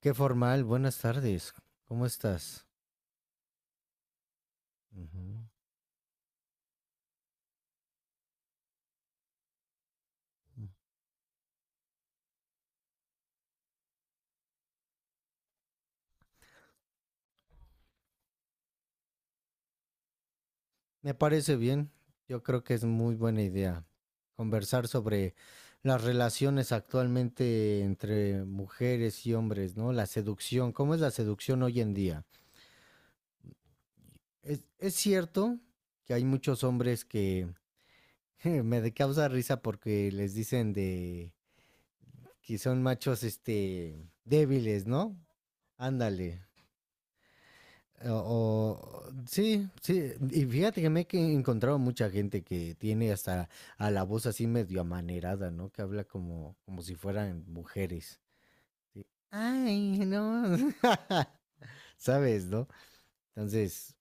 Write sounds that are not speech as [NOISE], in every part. Qué formal, buenas tardes. ¿Cómo estás? Ujú. Me parece bien. Yo creo que es muy buena idea conversar sobre las relaciones actualmente entre mujeres y hombres, ¿no? La seducción, ¿cómo es la seducción hoy en día? Es cierto que hay muchos hombres que [LAUGHS] causa risa porque les dicen de que son machos, débiles, ¿no? Ándale. Sí, sí. Y fíjate que me he encontrado mucha gente que tiene hasta a la voz así medio amanerada, ¿no? Que habla como si fueran mujeres. Ay, no. [LAUGHS] ¿Sabes, no? Entonces,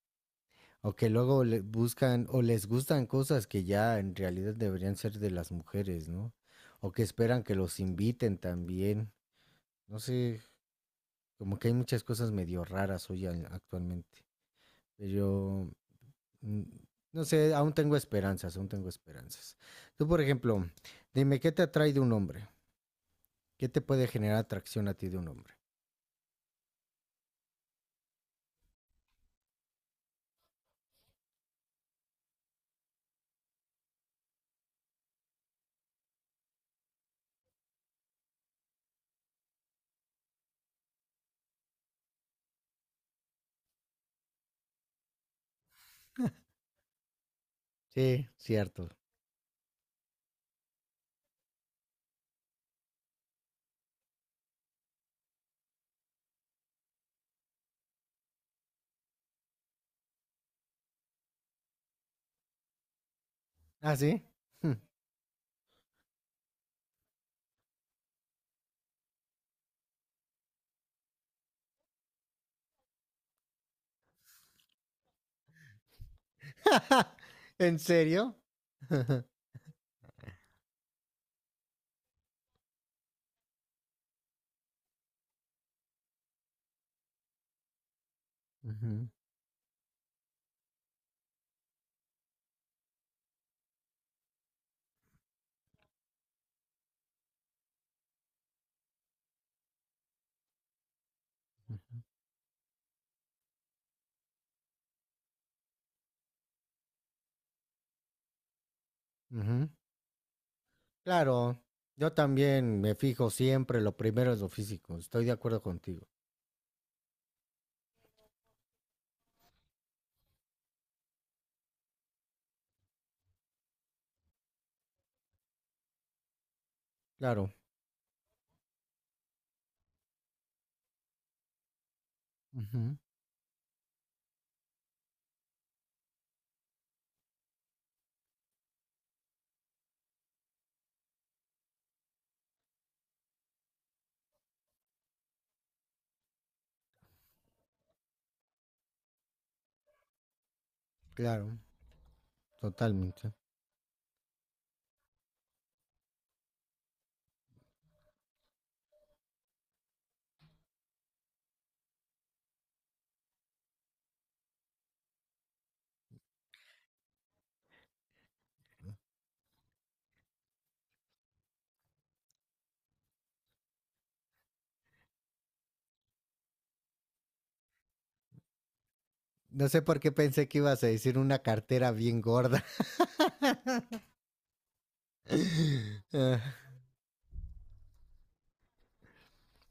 o que luego le buscan o les gustan cosas que ya en realidad deberían ser de las mujeres, ¿no? O que esperan que los inviten también. No sé, como que hay muchas cosas medio raras hoy actualmente. Pero, Mm, no sé, aún tengo esperanzas, aún tengo esperanzas. Tú, por ejemplo, dime, ¿qué te atrae de un hombre? ¿Qué te puede generar atracción a ti de un hombre? Sí, cierto. ¿Ah, sí? Hmm. [LAUGHS] ¿En serio? [LAUGHS] Ujú, ujú. Claro, yo también me fijo siempre, lo primero es lo físico, estoy de acuerdo contigo. Claro, ujú, claro, totalmente. No sé por qué pensé que ibas a decir una cartera bien gorda. [LAUGHS] Ah,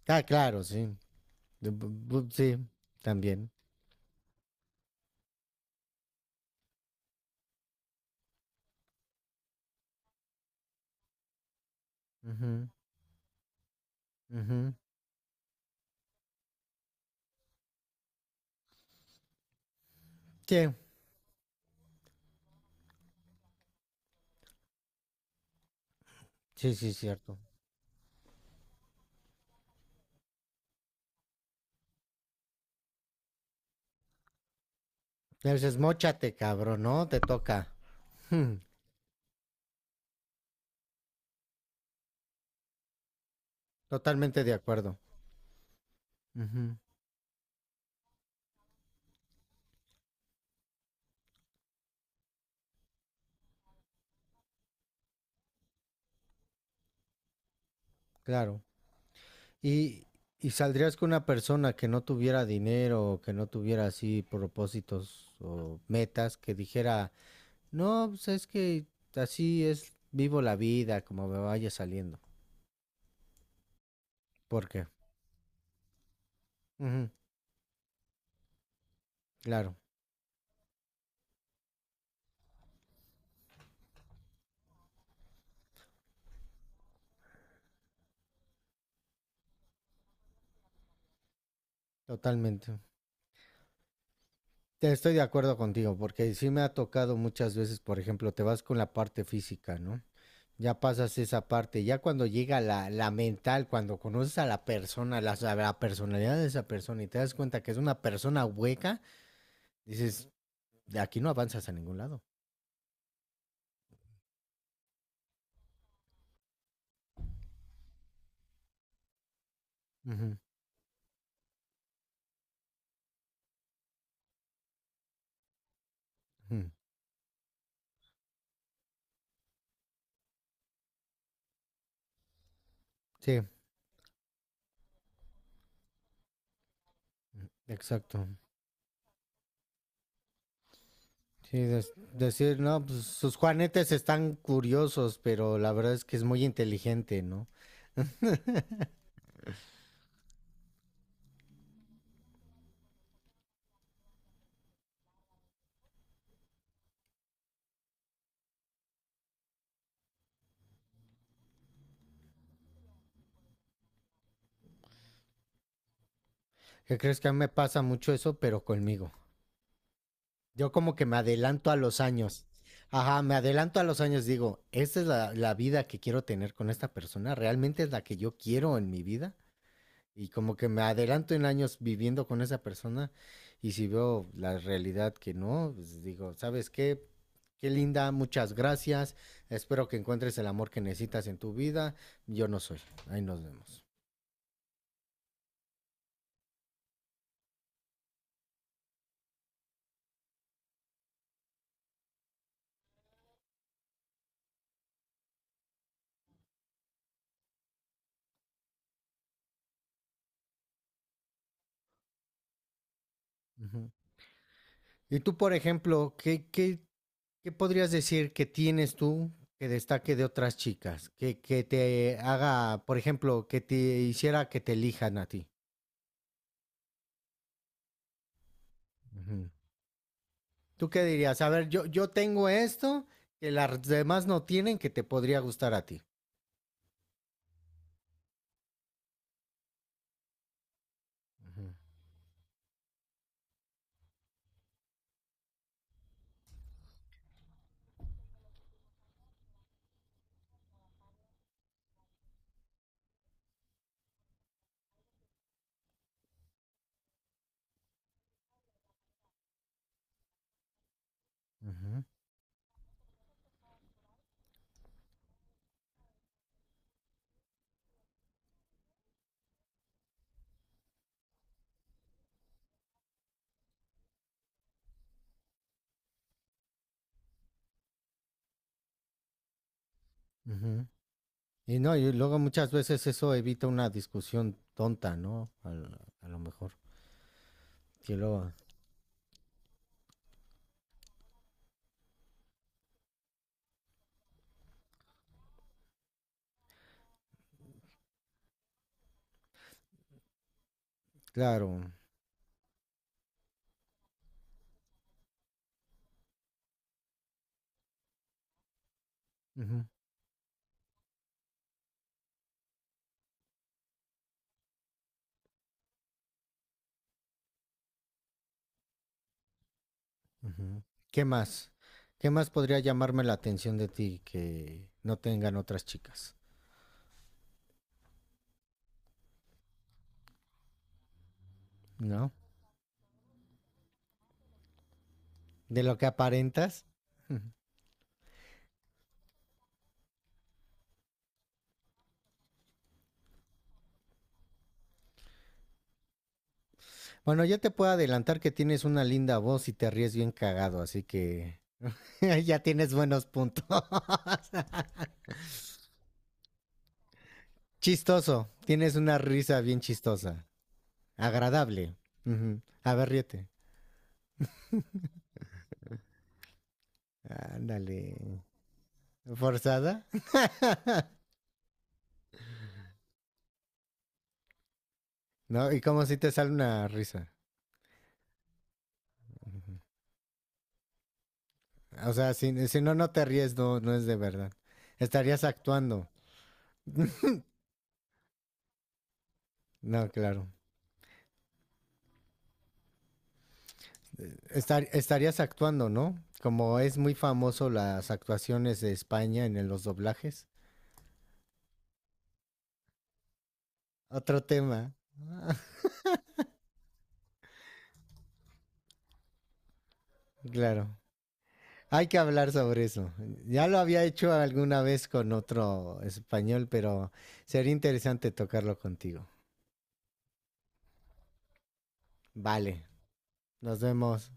ah, claro, sí, Bu- sí, también. Ujú, ujú. Sí, sí, sí, cierto. Entonces, mochate, cabrón, ¿no? Te toca. Hmm. Totalmente de acuerdo. Ujú. Claro. Y, y saldrías con una persona que no tuviera dinero o que no tuviera así propósitos o metas, que dijera, no, pues es que así es, vivo la vida como me vaya saliendo. ¿Por qué? Ujú. Claro, totalmente. Te estoy de acuerdo contigo, porque sí me ha tocado muchas veces, por ejemplo, te vas con la parte física, ¿no? Ya pasas esa parte, ya cuando llega la mental, cuando conoces a la persona, a la personalidad de esa persona y te das cuenta que es una persona hueca, dices, de aquí no avanzas a ningún lado. Ujú, ujú. Sí, exacto. Sí, decir, no, pues sus juanetes están curiosos, pero la verdad es que es muy inteligente, ¿no? ¿Qué crees que a mí me pasa mucho eso, pero conmigo? Yo como que me adelanto a los años. Ajá, me adelanto a los años, digo, esta es la vida que quiero tener con esta persona, realmente es la que yo quiero en mi vida. Y como que me adelanto en años viviendo con esa persona y si veo la realidad que no, pues digo, ¿sabes qué? Qué linda, muchas gracias. Espero que encuentres el amor que necesitas en tu vida. Yo no soy. Ahí nos vemos. Ujú. Y tú, por ejemplo, ¿qué podrías decir que tienes tú que destaque de otras chicas? Que te haga, por ejemplo, que te hiciera que te elijan a ti. Ujú. ¿Tú qué dirías? A ver, yo tengo esto que las demás no tienen que te podría gustar a ti. Ujú, ujú, ujú. Y no, y luego muchas veces eso evita una discusión tonta, ¿no? A lo mejor. Que luego, claro. Ujú, ujú. ¿Qué más? ¿Qué más podría llamarme la atención de ti que no tengan otras chicas? ¿No? De lo que aparentas. Bueno, ya te puedo adelantar que tienes una linda voz y te ríes bien cagado, así que [LAUGHS] ya tienes buenos puntos. [LAUGHS] Chistoso, tienes una risa bien chistosa, agradable. Ujú. A ver, ríete. Ándale. ¿Forzada? ¿No? ¿Y como si te sale una risa? O sea, si, si no, no te ríes, no, no es de verdad. Estarías actuando. No, claro. Estarías actuando, ¿no? Como es muy famoso las actuaciones de España en los doblajes. Otro tema, claro. Hay que hablar sobre eso. Ya lo había hecho alguna vez con otro español, pero sería interesante tocarlo contigo. Vale, nos vemos.